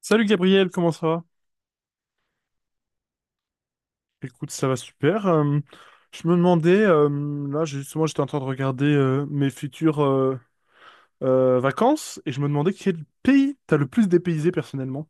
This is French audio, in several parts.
Salut Gabriel, comment ça va? Écoute, ça va super. Je me demandais, justement j'étais en train de regarder mes futures vacances et je me demandais quel pays t'as le plus dépaysé personnellement.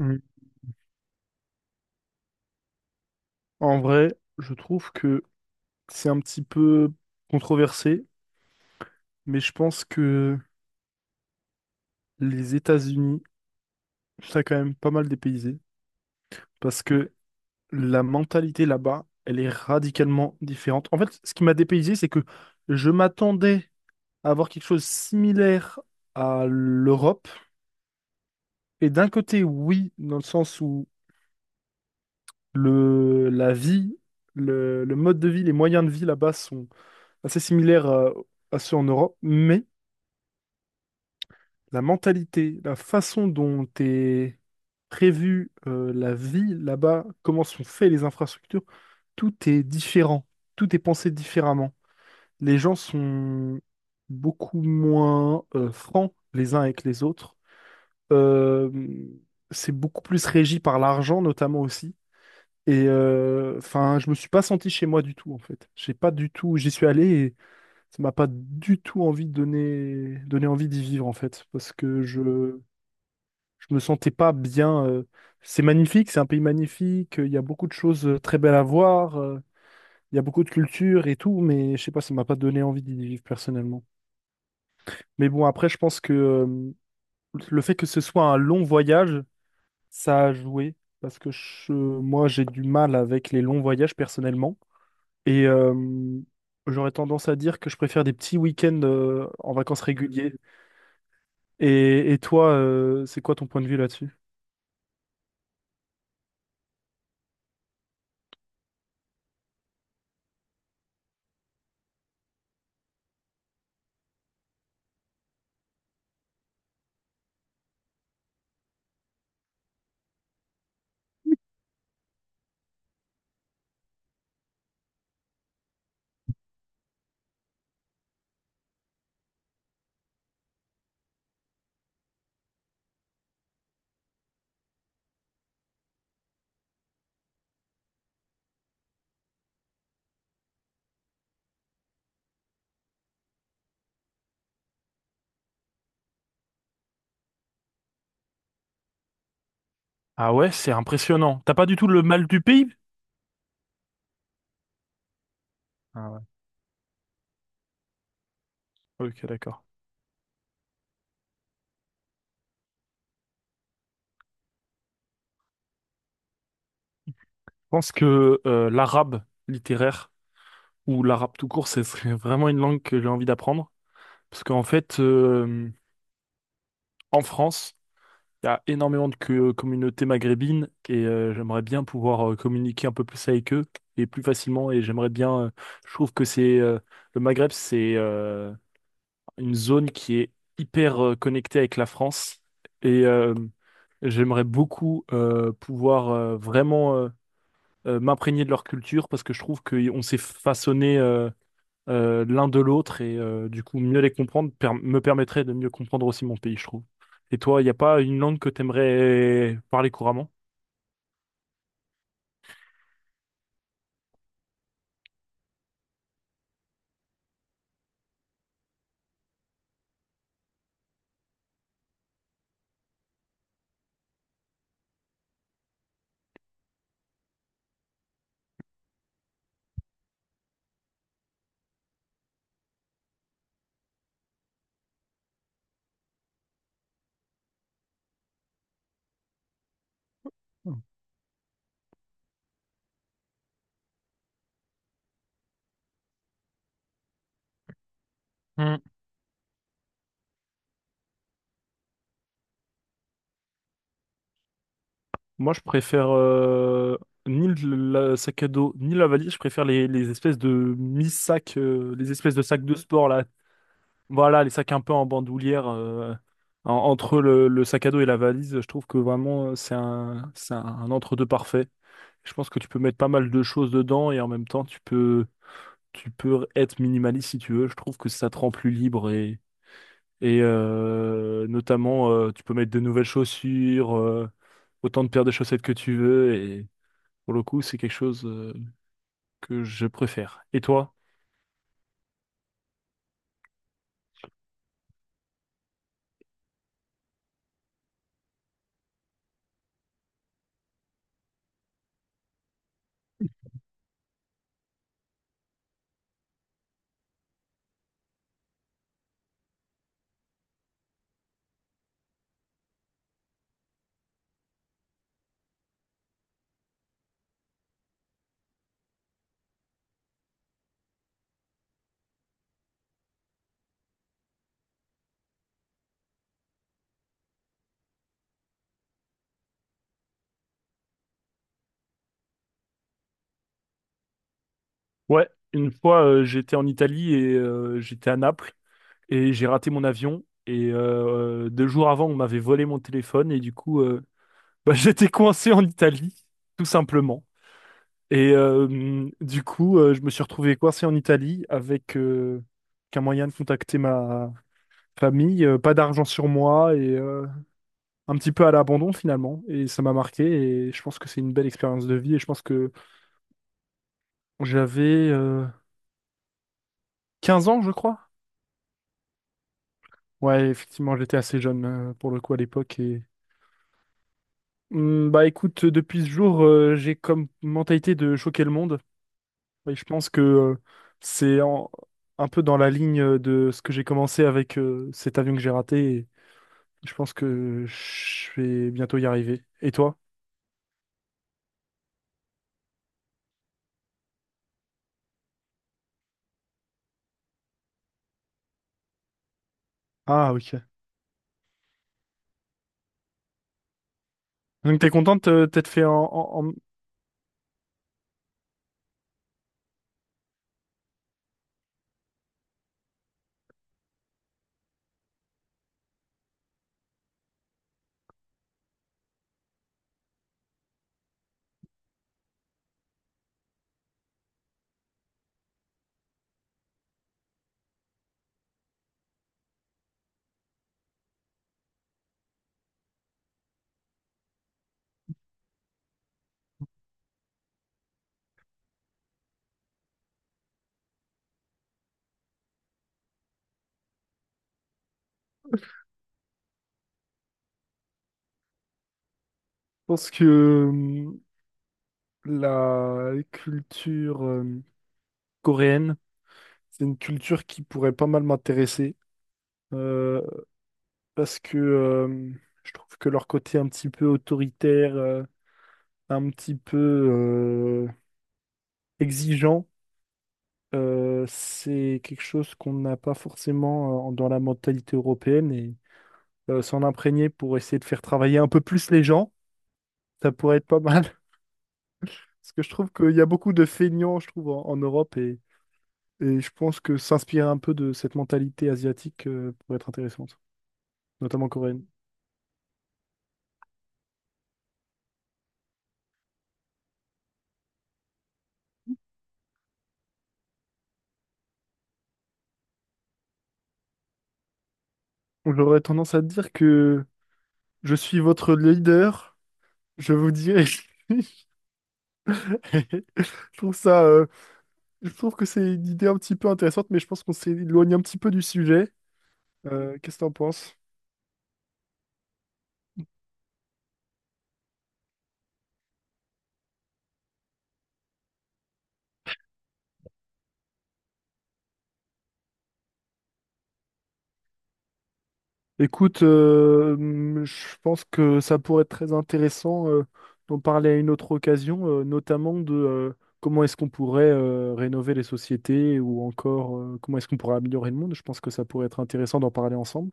Mm. En vrai, je trouve que c'est un petit peu controversé, mais je pense que les États-Unis, ça a quand même pas mal dépaysé parce que la mentalité là-bas, elle est radicalement différente. En fait, ce qui m'a dépaysé, c'est que je m'attendais avoir quelque chose de similaire à l'Europe. Et d'un côté, oui, dans le sens où la vie, le mode de vie, les moyens de vie là-bas sont assez similaires à ceux en Europe, mais la mentalité, la façon dont est prévue la vie là-bas, comment sont faites les infrastructures, tout est différent, tout est pensé différemment. Les gens sont beaucoup moins francs les uns avec les autres. Euh, c'est beaucoup plus régi par l'argent, notamment aussi. Enfin, je me suis pas senti chez moi du tout, en fait. J'ai pas du tout, j'y suis allé et ça m'a pas du tout envie de donner envie d'y vivre, en fait, parce que je me sentais pas bien. C'est magnifique, c'est un pays magnifique. Il y a beaucoup de choses très belles à voir. Il y a beaucoup de culture et tout, mais je sais pas, ça m'a pas donné envie d'y vivre personnellement. Mais bon, après, je pense que le fait que ce soit un long voyage ça a joué parce que moi j'ai du mal avec les longs voyages personnellement et euh, j'aurais tendance à dire que je préfère des petits week-ends en vacances réguliers. Et toi, c'est quoi ton point de vue là-dessus? Ah ouais, c'est impressionnant. T'as pas du tout le mal du pays? Ah ouais. Ok, d'accord. Je pense que l'arabe littéraire ou l'arabe tout court, ce serait vraiment une langue que j'ai envie d'apprendre. Parce qu'en fait, en France, il y a énormément de communautés maghrébines et j'aimerais bien pouvoir communiquer un peu plus avec eux et plus facilement. Et j'aimerais bien, je trouve que c'est le Maghreb, c'est une zone qui est hyper connectée avec la France et euh, j'aimerais beaucoup pouvoir vraiment m'imprégner de leur culture parce que je trouve qu'on s'est façonné l'un de l'autre du coup mieux les comprendre me permettrait de mieux comprendre aussi mon pays, je trouve. Et toi, il n'y a pas une langue que t'aimerais parler couramment? Hmm. Moi, je préfère ni le la sac à dos, ni la valise, je préfère les espèces de mi-sac, les espèces de sacs de sport là. Voilà, les sacs un peu en bandoulière, entre le sac à dos et la valise, je trouve que vraiment c'est un entre-deux parfait. Je pense que tu peux mettre pas mal de choses dedans et en même temps tu peux être minimaliste si tu veux. Je trouve que ça te rend plus libre et, notamment tu peux mettre de nouvelles chaussures, autant de paires de chaussettes que tu veux et pour le coup c'est quelque chose que je préfère. Et toi? Ouais, une fois j'étais en Italie j'étais à Naples, et j'ai raté mon avion. Deux jours avant, on m'avait volé mon téléphone et du coup, bah, j'étais coincé en Italie, tout simplement. Du coup, je me suis retrouvé coincé en Italie avec qu'un moyen de contacter ma famille, pas d'argent sur moi un petit peu à l'abandon finalement. Et ça m'a marqué et je pense que c'est une belle expérience de vie. Et je pense que j'avais euh, 15 ans, je crois. Ouais, effectivement, j'étais assez jeune pour le coup à l'époque. Hmm, bah écoute, depuis ce jour, j'ai comme mentalité de choquer le monde. Et je pense que c'est en- un peu dans la ligne de ce que j'ai commencé avec cet avion que j'ai raté. Et je pense que je vais bientôt y arriver. Et toi? Ah, ok. Donc t'es contente t'être fait je pense que la culture coréenne, c'est une culture qui pourrait pas mal m'intéresser. euh, Parce que je trouve que leur côté un petit peu autoritaire, un petit peu exigeant. C'est quelque chose qu'on n'a pas forcément dans la mentalité européenne s'en imprégner pour essayer de faire travailler un peu plus les gens, ça pourrait être pas mal. Parce que je trouve qu'il y a beaucoup de feignants, je trouve, en, en Europe et je pense que s'inspirer un peu de cette mentalité asiatique pourrait être intéressante, notamment coréenne. J'aurais tendance à dire que je suis votre leader, je vous dirai. Je trouve ça euh, Je trouve que c'est une idée un petit peu intéressante, mais je pense qu'on s'est éloigné un petit peu du sujet. Qu'est-ce que t'en penses? Écoute, je pense que ça pourrait être très intéressant d'en parler à une autre occasion, notamment de comment est-ce qu'on pourrait rénover les sociétés ou encore comment est-ce qu'on pourrait améliorer le monde. Je pense que ça pourrait être intéressant d'en parler ensemble.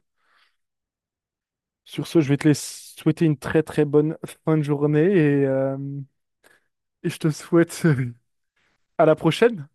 Sur ce, je vais te laisser souhaiter une très très bonne fin de journée et je te souhaite à la prochaine.